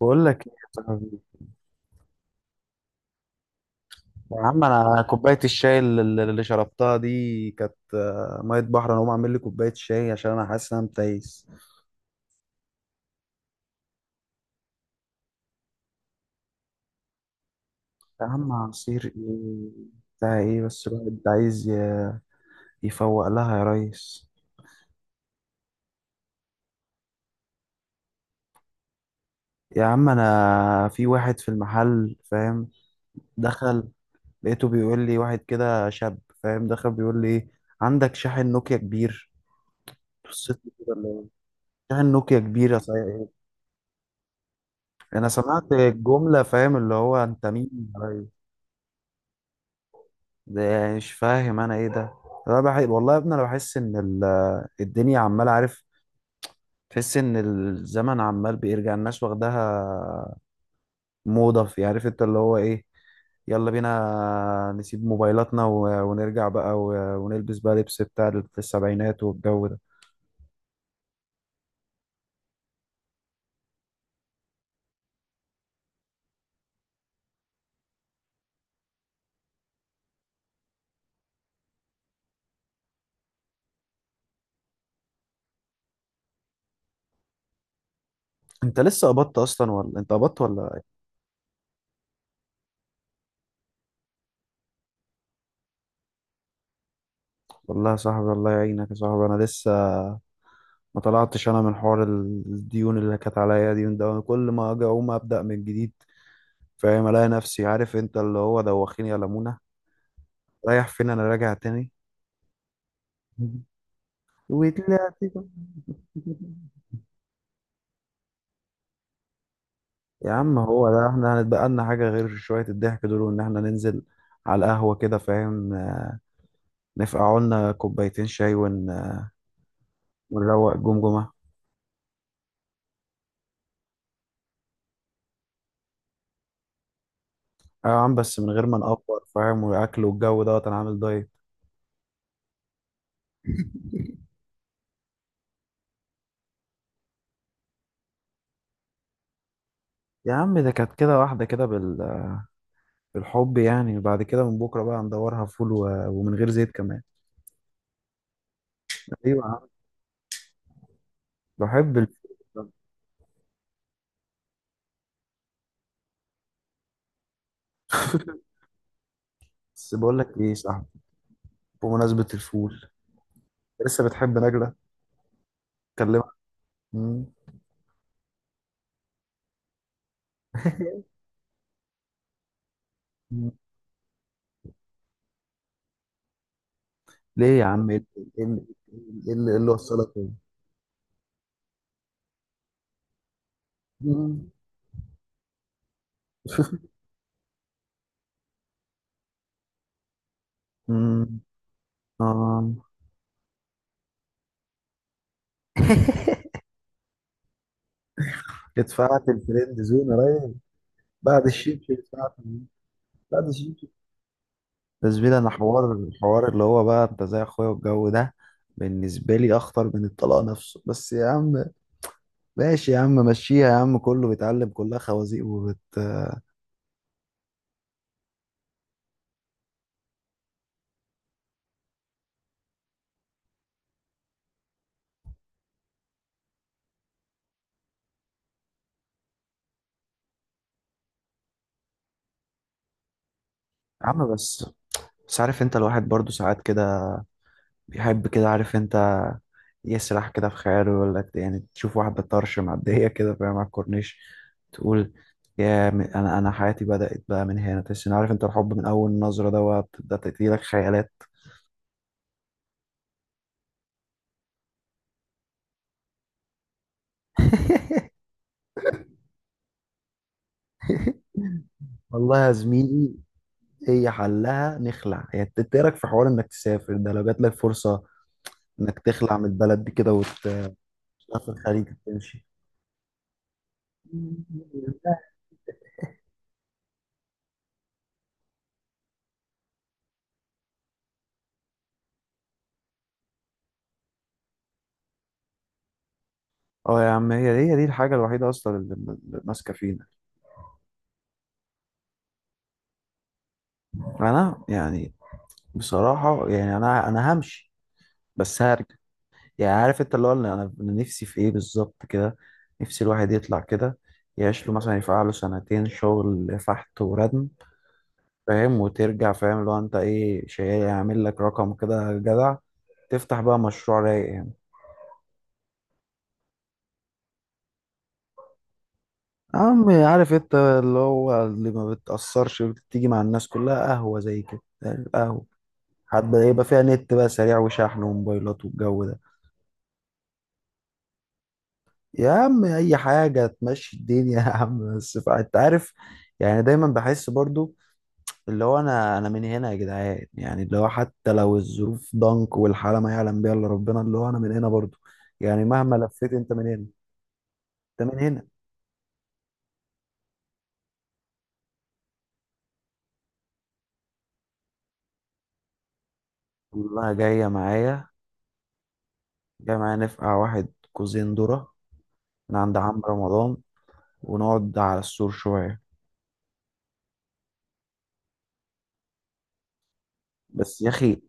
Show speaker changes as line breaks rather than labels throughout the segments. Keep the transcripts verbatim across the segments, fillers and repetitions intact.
بقول لك ايه يا صاحبي؟ يا عم انا كوبايه الشاي اللي اللي شربتها دي كانت آه، ميه بحر. انا هقوم اعمل لي كوبايه شاي عشان انا حاسس ان انا متيس. يا عم عصير ايه؟ بتاع ايه؟ بس الواحد عايز ي- يفوق لها يا ريس. يا عم انا في واحد في المحل، فاهم، دخل. لقيته بيقول لي واحد كده شاب، فاهم، دخل بيقول لي ايه: عندك شاحن نوكيا كبير؟ بصيت له كده اللي هو شاحن نوكيا كبير يا صاحبي! انا سمعت الجمله، فاهم، اللي هو انت مين يا ريس؟ ده يعني مش فاهم انا ايه ده؟ انا بح... والله يا ابني انا بحس ان ال... الدنيا عماله، عارف، تحس ان الزمن عمال بيرجع الناس واخداها موضه، في، عارف انت اللي هو ايه. يلا بينا نسيب موبايلاتنا و... ونرجع بقى و... ونلبس بقى لبس بتاع ال- السبعينات والجو ده. انت لسه قبضت اصلا، ولا انت قبضت ولا إيه؟ والله يا صاحبي الله يعينك يا صاحبي. انا لسه ما طلعتش انا من حوار ال- الديون اللي كانت عليا، ديون. ده كل ما اجي اقوم ابدا من جديد، فاهم، الاقي نفسي، عارف انت، اللي هو دوخيني يا لمونة، رايح فين انا، راجع تاني. وطلعت بقى. يا عم هو ده احنا هنتبقى لنا حاجة غير شوية الضحك دول، وان احنا ننزل على القهوة كده، فاهم، نفقع لنا كوبايتين شاي ون... ونروق جمجمة. اه يا عم بس من غير ما نقفر، فاهم، والاكل والجو دوت، انا عامل دايت. يا عم ده كانت كده واحدة كده بال... بالحب يعني. بعد كده من بكرة بقى ندورها فول و... ومن غير زيت كمان. ايوه يا عم بحب الفول. بس بقول لك ايه، صح، بمناسبة الفول، لسه بتحب نجلة؟ كلمها. مم. مم. ليه يا عم؟ ايه اللي إيه اللي- إيه اللي- إيه اللي وصلك كده؟ مم. مم. آه. ادفعت الفريند زون يا راجل. بعد الشبشب ادفعت ال- بعد الشبشب. بس بينا انا حوار الحوار اللي هو بقى انت زي اخويا والجو ده. بالنسبة لي اخطر من الطلاق نفسه. بس يا عم ماشي يا عم، مشيها يا عم، كله بيتعلم، كلها خوازيق وبت يا عم. بس بس عارف انت، الواحد برضو ساعات كده بيحب كده، عارف انت، يسرح كده في خياله، يقول لك يعني تشوف واحدة طرش معدية كده، فاهم، على الكورنيش، تقول يا م- انا انا حياتي بدأت بقى من هنا. تحس ان، عارف انت، الحب من اول نظرة ده بقى بتبدأ تجيلك خيالات. والله يا زميلي، هي حلها نخلع. يعني انت إيه رأيك في حوار انك تسافر ده لو جات لك فرصة، انك تخلع من البلد دي كده وتسافر الخليج، تمشي. اه يا عم، هي دي هي دي الحاجة الوحيدة اصلا اللي اللي ماسكة فينا. انا يعني بصراحة يعني أنا أنا همشي. بس هرجع. يعني عارف أنت اللي هو اللي أنا أنا نفسي في إيه بالظبط كده. نفسي الواحد يطلع كده، يعيش له مثلا يفقع له سنتين شغل فحت وردم، فاهم، وترجع، فاهم، اللي هو أنت إيه، شيء يعمل لك رقم كده جدع، تفتح بقى مشروع رايق يعني. عم، عارف أنت اللي هو اللي ما بتأثرش، بتيجي مع الناس كلها قهوة زي كده، قهوة، حتى يبقى فيها نت بقى سريع وشحن وموبايلات والجو ده. يا عم اي حاجه تمشي الدنيا يا عم، بس ف- انت عارف يعني دايما بحس برضو اللي هو انا انا من هنا يا جدعان. يعني اللي هو حتى لو الظروف ضنك والحاله ما يعلم بيها الا ربنا، اللي هو انا من هنا برضو. يعني مهما لفيت انت من هنا، انت من هنا. والله جايه معايا، جايه معايا نفقع واحد كوزين ذره من عند عم رمضان ونقعد على السور شويه. بس يا اخي،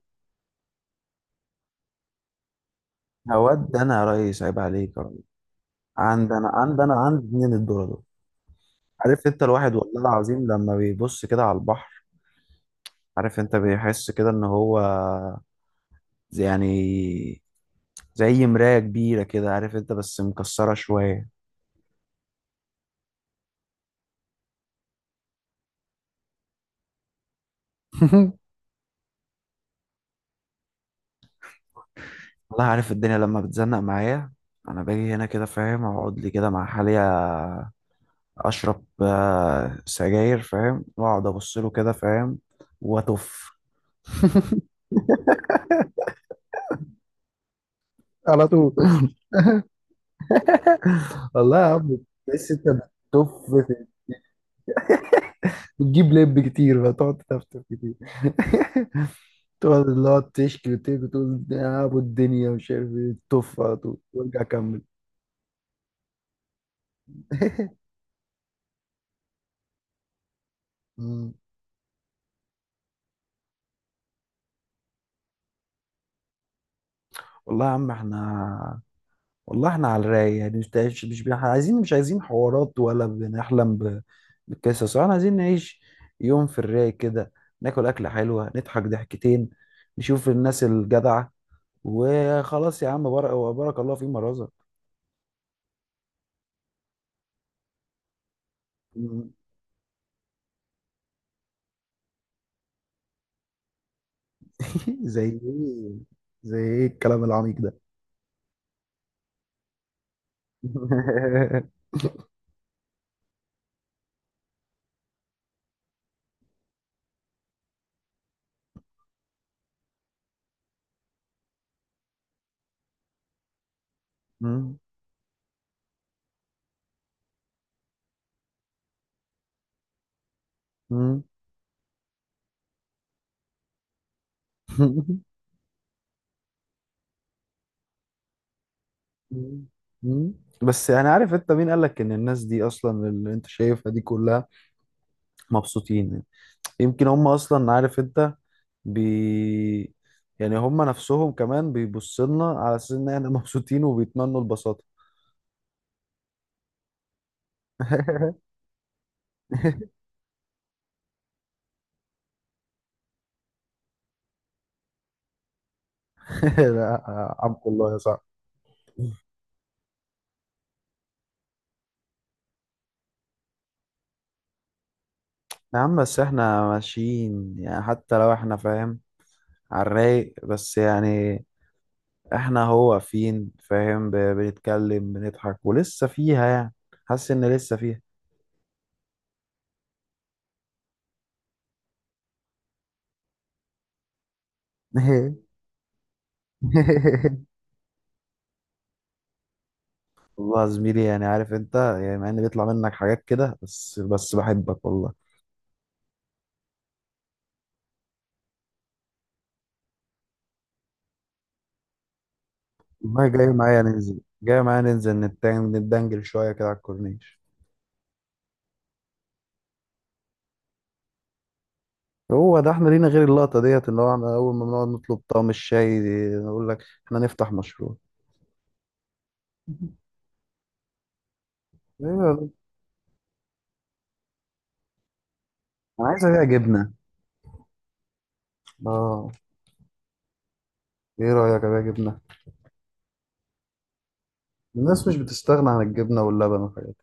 هود انا يا ريس، عيب عليك يا ريس. عندنا عندنا عندي اتنين الذره دول. عرفت انت، الواحد والله العظيم لما بيبص كده على البحر، عارف انت، بيحس كده ان هو زي- يعني زي مراية كبيرة كده، عارف انت، بس مكسرة شوية. والله عارف الدنيا لما بتزنق معايا انا باجي هنا كده، فاهم، اقعد لي كده مع حالي، آه، اشرب آه، سجاير، فاهم، واقعد ابص له كده، فاهم، واتف. على طول. والله يا عم، بس انت بتطف في- بتجيب لب كتير فتقعد تفتف كتير. تقعد اللي هو تشكي وتبكي، تقول يا ابو الدنيا مش عارف ايه، تف على طول وارجع كمل. مم. والله يا عم احنا، والله احنا على الرايق يعني. مش مش مش بنح- عايزين، مش عايزين حوارات، ولا بنحلم ب- بالقصص. احنا عايزين نعيش يوم في الرايق كده، ناكل اكله حلوه، نضحك ضحكتين، نشوف الناس الجدعه، وخلاص يا عم بارك، وبارك الله فيما رزق. مم. زي ايه؟ زي ايه الكلام العميق ده؟ مم. مم. مم. مم. بس يعني عارف انت مين قالك ان الناس دي اصلا اللي انت شايفها دي كلها مبسوطين؟ يمكن هم اصلا، عارف انت، بي، يعني هم نفسهم كمان بيبصوا لنا على اساس ان احنا مبسوطين وبيتمنوا البساطة. لا عمك الله يا صاحبي. يا عم بس احنا ماشيين، يعني حتى لو احنا، فاهم، على الرايق، بس يعني احنا هو فين، فاهم، ب- بنتكلم بنضحك ولسه فيها، يعني حاسس ان لسه فيها. والله يا زميلي، يعني عارف انت، يعني مع ان بيطلع منك حاجات كده، بس بس بحبك والله. والله جاي معايا ننزل، جاي معايا ننزل نتان- نتدنجل شويه كده على الكورنيش. هو ده احنا لينا غير اللقطه ديت اللي هو احنا اول ما بنقعد نطلب طعم الشاي دي، نقول لك احنا نفتح مشروع. ايوه ده. انا عايز ابيع جبنه. اه. ايه رايك ابيع جبنه؟ الناس مش بتستغنى عن الجبنه واللبن والحاجات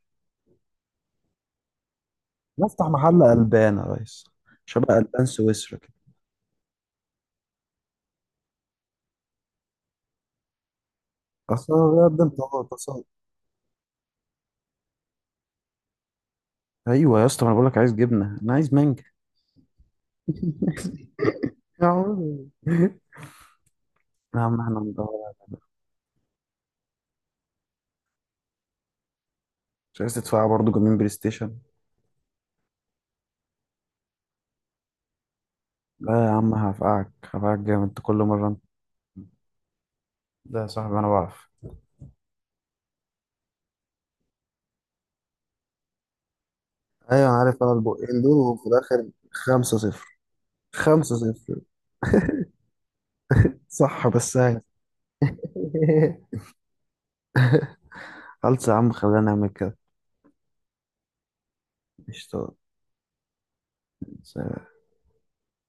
دي. نفتح محل قلبان يا ريس شبه قلبان سويسرا كده. اصلا بقدم طبقات. ايوه يا اسطى، ما انا بقول لك عايز جبنه، انا عايز مانجا. يا عم. يا عم احنا ندور. مش عايز تدفع برضه جيمين بلاي ستيشن؟ لا يا عم هفقعك، هفقعك جامد انت كل مره انت. لا يا صاحبي انا بعرف. ايوه انا عارف انا البقين دول وفي الاخر خمسة صفر. خمسين صفر. صح بس هاي. خلص يا عم خلينا نعمل كده. قشطة.